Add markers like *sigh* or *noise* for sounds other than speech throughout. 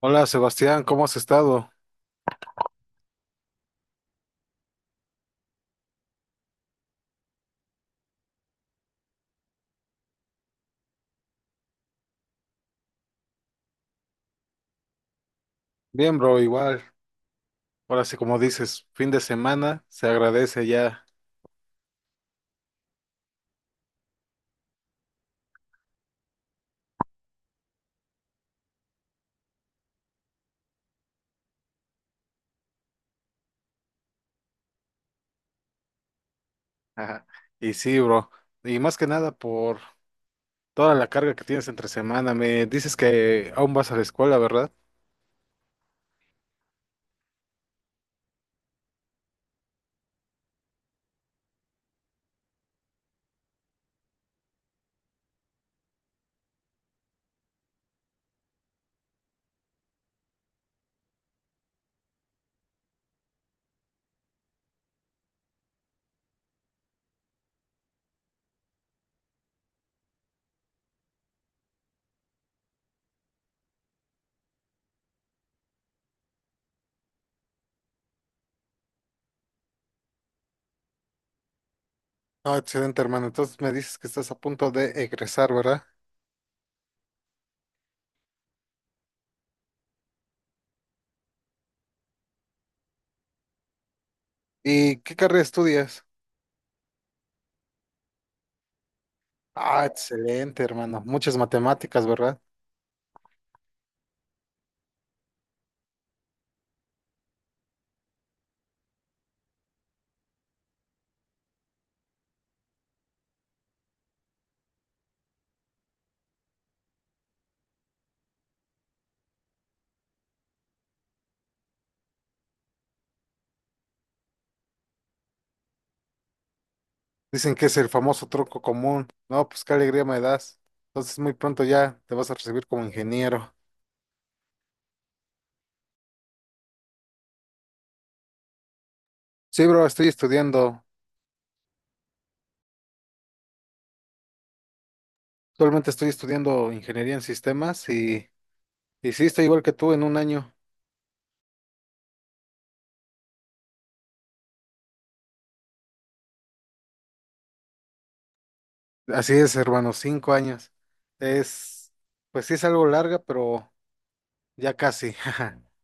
Hola Sebastián, ¿cómo has estado? Bien, bro, igual. Ahora sí, como dices, fin de semana, se agradece ya. Ajá. Y sí, bro. Y más que nada por toda la carga que tienes entre semana. Me dices que aún vas a la escuela, ¿verdad? Ah, excelente, hermano. Entonces me dices que estás a punto de egresar, ¿verdad? ¿Y qué carrera estudias? Ah, excelente, hermano. Muchas matemáticas, ¿verdad? Dicen que es el famoso truco común. No, pues qué alegría me das. Entonces muy pronto ya te vas a recibir como ingeniero. Sí, bro, estoy estudiando, actualmente estoy estudiando ingeniería en sistemas y sí, estoy igual que tú en un año. Así es, hermano, 5 años. Es, pues sí es algo larga, pero ya casi. *laughs*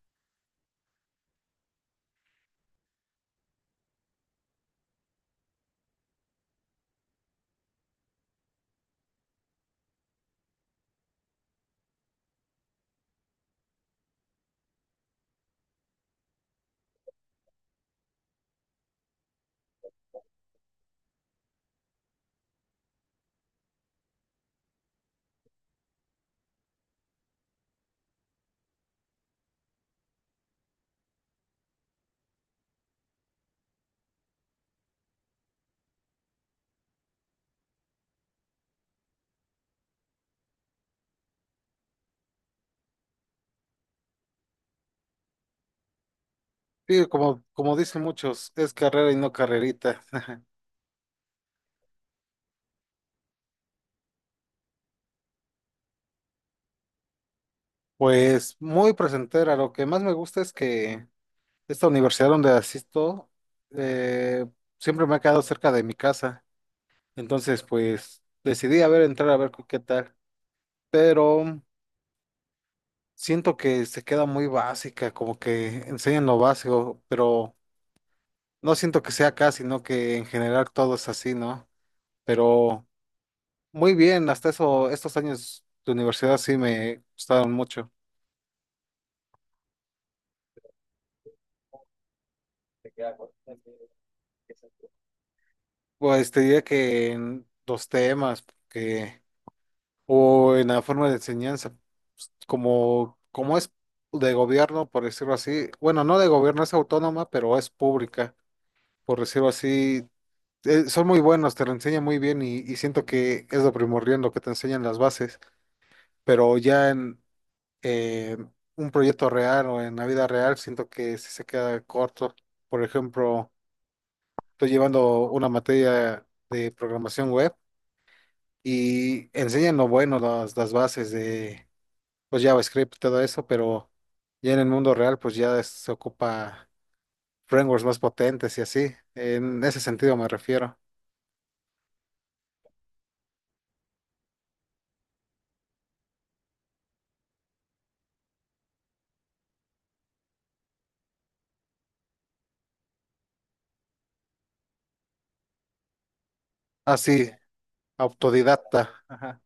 Sí, como, como dicen muchos, es carrera y no carrerita. *laughs* Pues muy presentera, lo que más me gusta es que esta universidad donde asisto eh, siempre me ha quedado cerca de mi casa. Entonces, pues decidí a ver, entrar a ver qué tal. Pero siento que se queda muy básica, como que enseñan lo básico, pero no siento que sea acá, sino que en general todo es así, ¿no? Pero muy bien, hasta eso, estos años de universidad sí me gustaron mucho. Pues te diría que en los temas que, o en la forma de enseñanza, pues, como, como es de gobierno, por decirlo así, bueno, no de gobierno, es autónoma, pero es pública, por decirlo así, son muy buenos, te lo enseñan muy bien y siento que es lo primordial lo que te enseñan las bases, pero ya en eh, un proyecto real o en la vida real siento que sí se queda corto. Por ejemplo, estoy llevando una materia de programación web y enseñan lo bueno, las bases de pues JavaScript y todo eso, pero ya en el mundo real pues ya se ocupa frameworks más potentes y así. En ese sentido me refiero. Ah, sí, autodidacta. Ajá.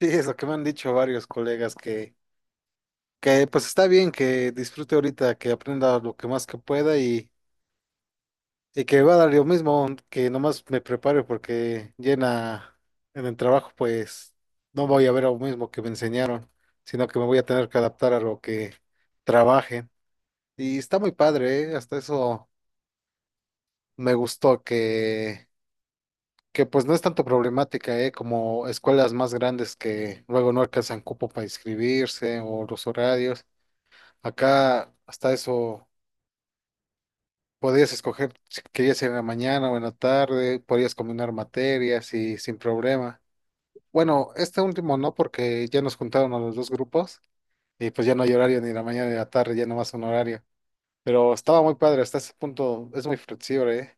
Sí, es lo que me han dicho varios colegas que pues está bien que disfrute ahorita, que aprenda lo que más que pueda y que va a dar lo mismo, que nomás me prepare porque llena en el trabajo pues no voy a ver lo mismo que me enseñaron, sino que me voy a tener que adaptar a lo que trabaje. Y está muy padre, ¿eh? Hasta eso me gustó que pues no es tanto problemática, ¿eh? Como escuelas más grandes que luego no alcanzan cupo para inscribirse o los horarios. Acá hasta eso podías escoger si querías ir en la mañana o en la tarde, podías combinar materias y sin problema. Bueno, este último no, porque ya nos juntaron a los dos grupos y pues ya no hay horario ni la mañana ni la tarde, ya no más un horario. Pero estaba muy padre, hasta ese punto es muy flexible, ¿eh?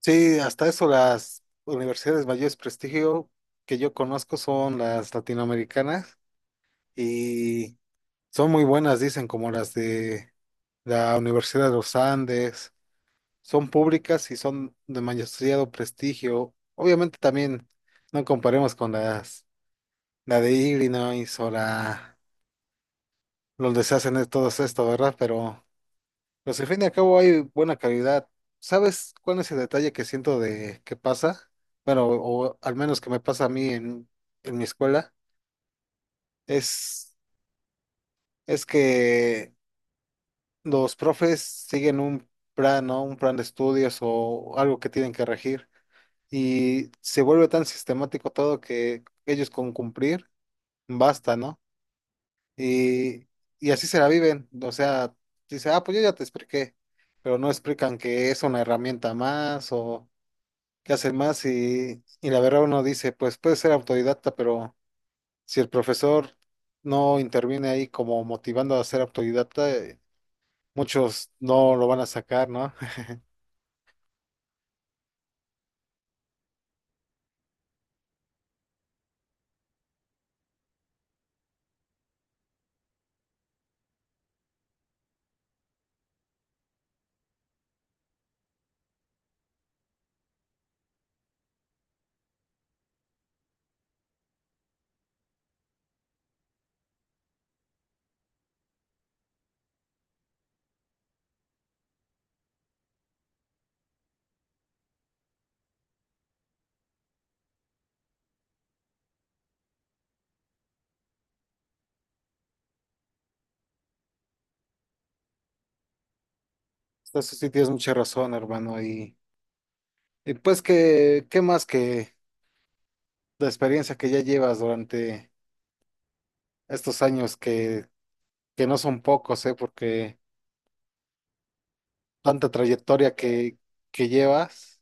Sí, hasta eso las universidades mayores prestigio que yo conozco son las latinoamericanas y son muy buenas, dicen, como las de la Universidad de los Andes son públicas y son de demasiado prestigio. Obviamente también no comparemos con las, la de Illinois o la, donde se hacen todo esto, ¿verdad? Pero, pues al fin y al cabo hay buena calidad. ¿Sabes cuál es el detalle que siento de que pasa? Bueno, o al menos que me pasa a mí en mi escuela, es, es que los profes siguen un plan, ¿no? Un plan de estudios o algo que tienen que regir, y se vuelve tan sistemático todo que ellos con cumplir basta, ¿no? Y, y así se la viven, o sea, dice, ah, pues yo ya te expliqué, pero no explican que es una herramienta más o que hacen más y la verdad uno dice, pues puede ser autodidacta, pero si el profesor no interviene ahí como motivando a ser autodidacta, muchos no lo van a sacar, ¿no? *laughs* Entonces sí tienes mucha razón, hermano, y pues que, ¿qué más que la experiencia que ya llevas durante estos años que no son pocos, ¿eh? Porque tanta trayectoria que llevas,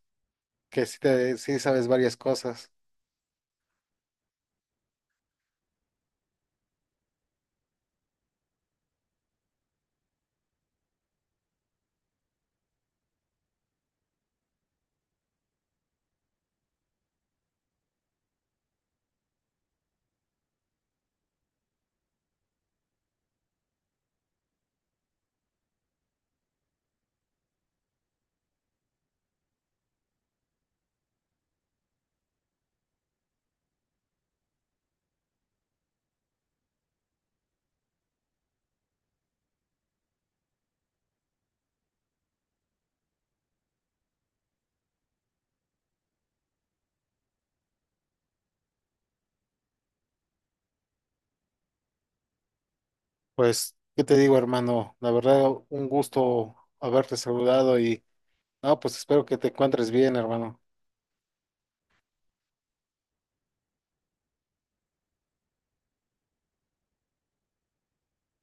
que sí, te, sí sabes varias cosas. Pues, ¿qué te digo, hermano? La verdad, un gusto haberte saludado y, no, pues espero que te encuentres bien, hermano.